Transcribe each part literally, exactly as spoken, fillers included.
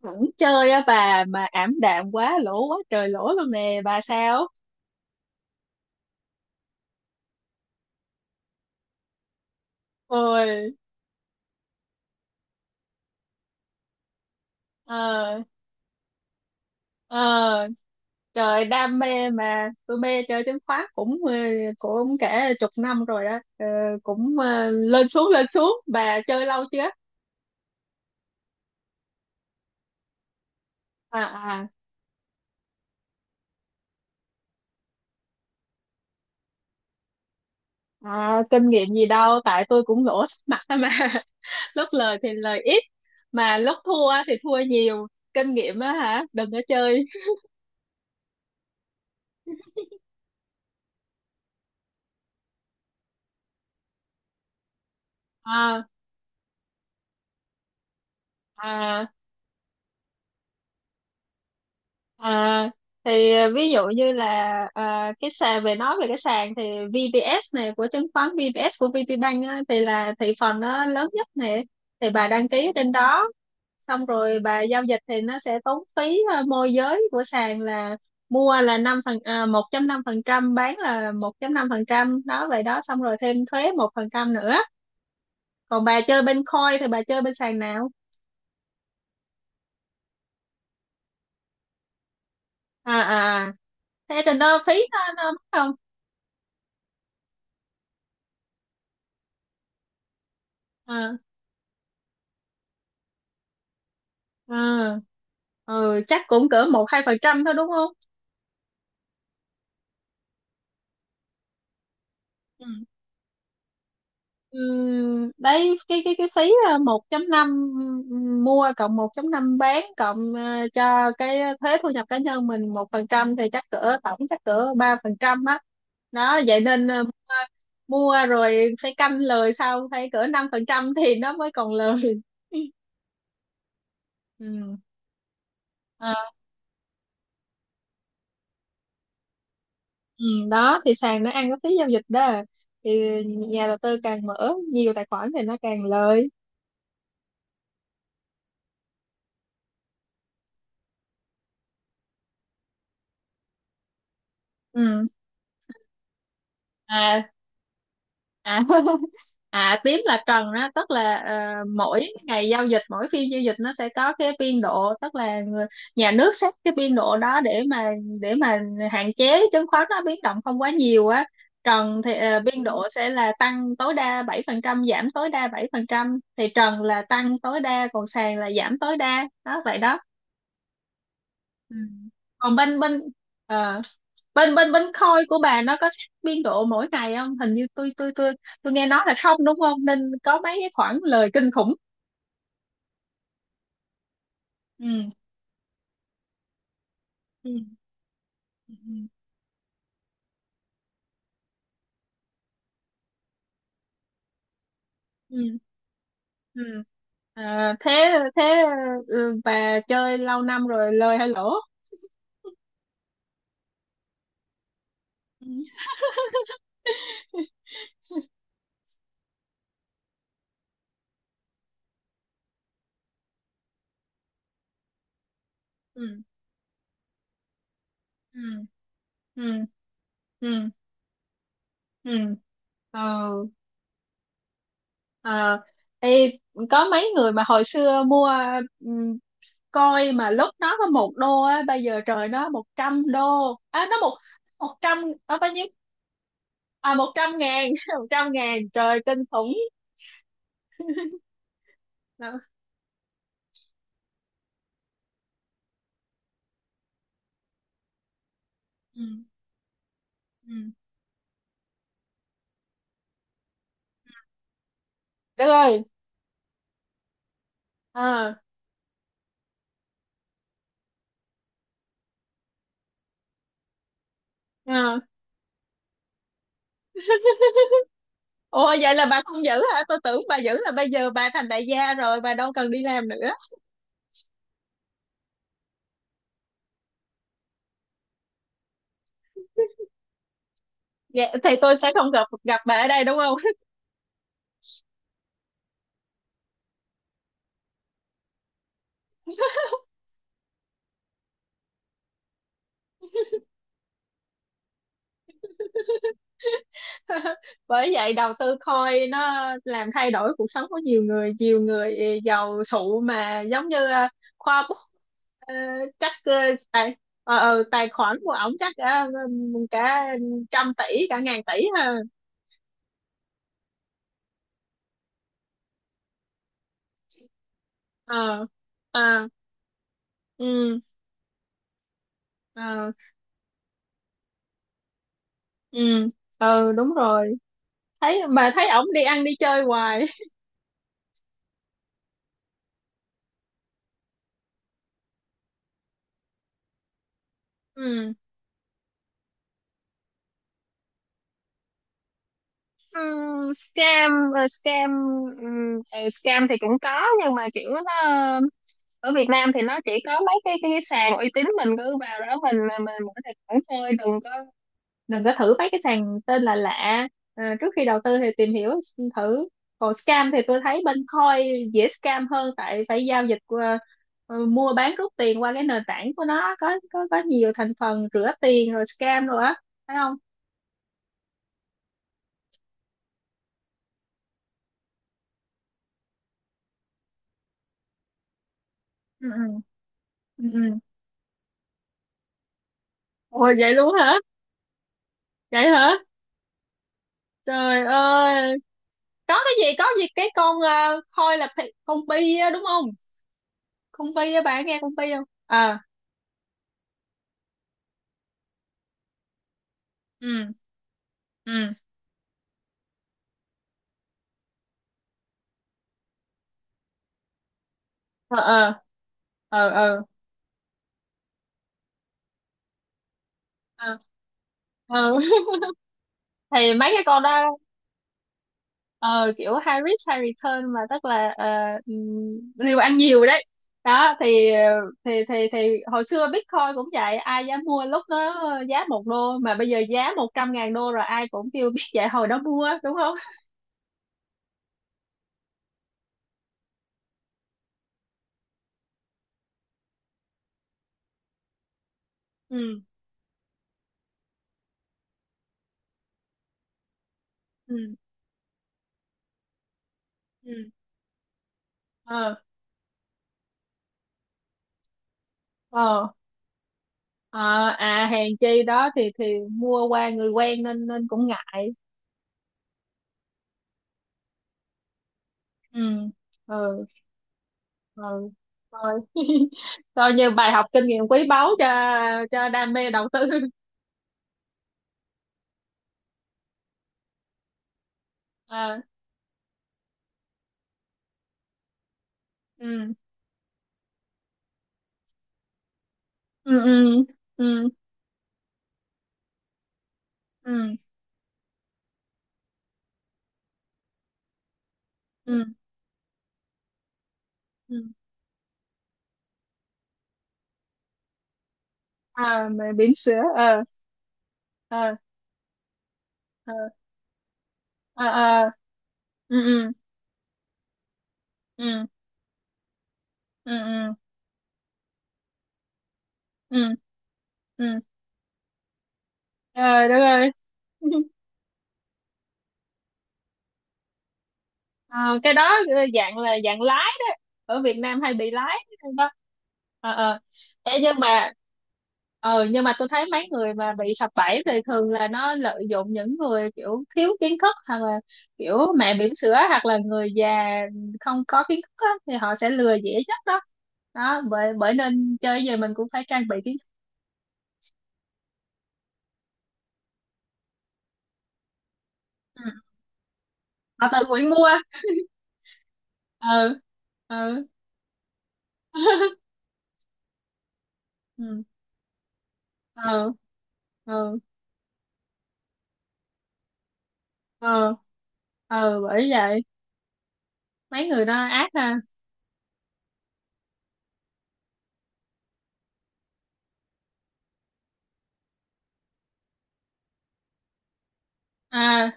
Vẫn chơi á bà, mà ảm đạm quá, lỗ quá trời lỗ luôn nè bà. Sao ôi. Ờ. Ờ. Trời đam mê mà, tôi mê chơi chứng khoán cũng ờ, cũng cả chục năm rồi đó. Ờ, cũng ờ, lên xuống lên xuống, bà chơi lâu chưa? à à à Kinh nghiệm gì đâu, tại tôi cũng lỗ sắp mặt á mà. Lúc lời thì lời ít, mà lúc thua thì thua nhiều. Kinh nghiệm á hả? Đừng có chơi. À à À, thì à, ví dụ như là, à, cái sàn, về nói về cái sàn thì vê pê ét này, của chứng khoán vê pê ét của VPBank á, thì là thị phần nó lớn nhất này. Thì bà đăng ký trên đó. Xong rồi bà giao dịch thì nó sẽ tốn phí, à, môi giới của sàn là mua là năm phần, à, một năm phần trăm, bán là một năm phần trăm, đó vậy đó. Xong rồi thêm thuế một phần trăm nữa. Còn bà chơi bên coin thì bà chơi bên sàn nào? à à à, Thế trên đó phí nó, nó mắc không? À. à, ừ, chắc cũng cỡ một hai phần trăm thôi đúng không? Ừ. Ừm, đấy cái cái cái phí ờ, một chấm năm mua, cộng một chấm năm bán, cộng ờ, cho cái thuế thu nhập cá nhân mình một phần trăm, thì chắc cỡ tổng, chắc cỡ ba phần trăm á. Đó vậy nên ờ, mua, mua rồi phải canh lời, sau phải cỡ năm phần trăm thì nó mới còn lời. Ừ. Ờ, ừ, đó thì sàn nó ăn cái phí giao dịch đó, thì nhà đầu tư càng mở nhiều tài khoản thì nó càng lời. Ừ. À. À. À, tím là cần đó, tức là ờ, mỗi ngày giao dịch, mỗi phiên giao dịch nó sẽ có cái biên độ, tức là người, nhà nước xét cái biên độ đó để mà để mà hạn chế chứng khoán nó biến động không quá nhiều á. Trần thì ờ, biên độ sẽ là tăng tối đa bảy phần trăm, giảm tối đa bảy phần trăm, thì trần là tăng tối đa, còn sàn là giảm tối đa, đó vậy đó. Ừ. Còn bên bên ờ, bên bên bên khôi của bà nó có xét biên độ mỗi ngày không? Hình như tôi tôi tôi tôi nghe nói là không, đúng không, nên có mấy cái khoảng lời kinh khủng. Ừ, ừ, ừ, ừ, ừ. à, thế Thế ừ, bà chơi lâu năm rồi lời hay lỗ? Ừ, ừ, ừ, ừ, ừ, ừ. Ờ. Ờ. Ê, có mấy người mà hồi xưa mua coi mà lúc nó có một đô á, bây giờ trời nó một trăm đô, à, nó một một trăm, nó bao nhiêu, à một trăm ngàn. Một trăm ngàn trời kinh khủng. Đó. Ừ, ừ. Đức ơi. Ờ. Ờ. Ủa vậy là bà không giữ hả? Tôi tưởng bà giữ là bây giờ bà thành đại gia rồi, bà đâu cần đi làm nữa. Dạ, thì tôi sẽ không gặp gặp bà ở đây đúng không? Bởi vậy đầu tư coin nó làm thay đổi cuộc sống của nhiều người, nhiều người giàu sụ mà, giống như ờ, khoa bút. ờ, Chắc ờ, tài ờ, ờ, tài khoản của ổng chắc cả, cả trăm tỷ, cả ngàn tỷ ha. Ờ. À. Ừ. Ờ. Ừ, ừ, đúng rồi. Thấy mà thấy ổng đi ăn đi chơi hoài. Ừ. Ừm, scam. ờ, Scam. Ừm, ờ, scam thì cũng có, nhưng mà kiểu nó ở Việt Nam thì nó chỉ có mấy cái cái, cái sàn uy tín, mình cứ vào đó mình mình, mình có tài khoản thôi, đừng có đừng có thử mấy cái sàn tên là lạ. À, trước khi đầu tư thì tìm hiểu thử. Còn scam thì tôi thấy bên Coin dễ scam hơn, tại phải giao dịch qua ờ, mua bán rút tiền qua cái nền tảng của nó, có có có nhiều thành phần rửa tiền rồi scam rồi á, phải không? Ừ, ừ, ừ, ừ. Ôi vậy luôn hả? Vậy hả? Trời ơi, có cái gì có gì cái con uh, Coin là pi- con bi á, đúng không? Công ty á, bạn nghe công ty không à? Ừ, ừ. Ờ, ờ, ờ, ờ, ờ, ờ. Thì mấy cái con đó ờ, kiểu high risk high return mà, tức là uh, liều ăn nhiều đấy. Đó thì ờ, thì thì thì hồi xưa Bitcoin cũng vậy, ai dám mua lúc nó giá một đô mà bây giờ giá một trăm ngàn đô rồi, ai cũng kêu biết vậy hồi đó mua đúng không? Ừ, ừ, ừ. Ờ. Ờ. Ờ, à hèn chi đó, thì thì mua qua người quen nên nên cũng ngại. Ừ, ừ, ừ. Thôi. Coi như bài học kinh nghiệm quý báu cho cho đam mê đầu tư. À. Ừ, ừ, ừ, ừ, ừ, ừ, ừ. À, mẹ bỉm sữa. Ờ, ờ, ờ, ờ, ờ. Ừ, ừ, ừ, ừ, ừ, ừ, ừ. Ờ, đúng rồi. Ờ, cái đó ờ, dạng là dạng lái đó. Ở Việt Nam hay bị lái. Đó. Ờ. Ờ. Ê, nhưng mà ờ nhưng mà tôi thấy mấy người mà bị sập bẫy thì thường là nó lợi dụng những người kiểu thiếu kiến thức, hoặc là kiểu mẹ bỉm sữa, hoặc là người già không có kiến thức á, thì họ sẽ lừa dễ nhất đó. Đó, bởi bởi nên chơi gì mình cũng phải trang bị kiến thức. Ừ. Họ tự nguyện mua. Ừ, ừ. Ừ, ừ, ừ, ừ, ừ, bởi vậy mấy người đó ác ha. À.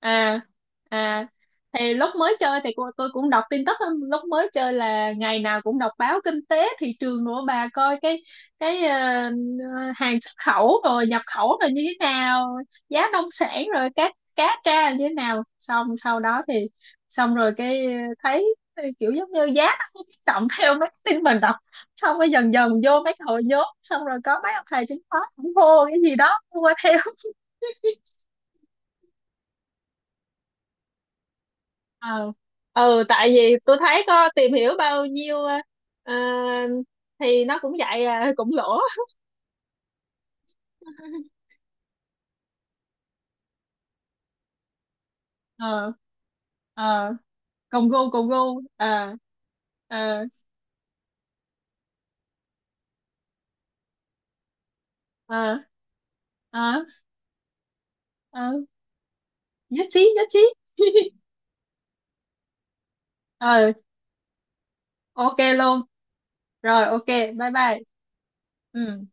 À. À, thì lúc mới chơi thì cô- tôi cũng đọc tin tức á, lúc mới chơi là ngày nào cũng đọc báo kinh tế thị trường nữa bà, coi cái cái ờ, hàng xuất khẩu rồi nhập khẩu rồi như thế nào, giá nông sản rồi cá cá tra như thế nào. Xong sau đó thì xong rồi cái thấy kiểu giống như giá nó cũng biến động theo mấy cái tin mình đọc. Xong rồi dần dần vô mấy hội nhóm, xong rồi có mấy ông thầy chứng khoán cũng hộ cái gì đó mua theo. Ờ. Ừ, tại vì tôi thấy có tìm hiểu bao nhiêu ờ, ờ, thì nó cũng vậy à, cũng lỗ. Ờ. Ờ. Cùng gu cùng gu. Ờ, ờ, ờ, ờ, ờ. Nhất trí nhất trí. Ờ, OK luôn. Rồi OK, bye bye. Ừ.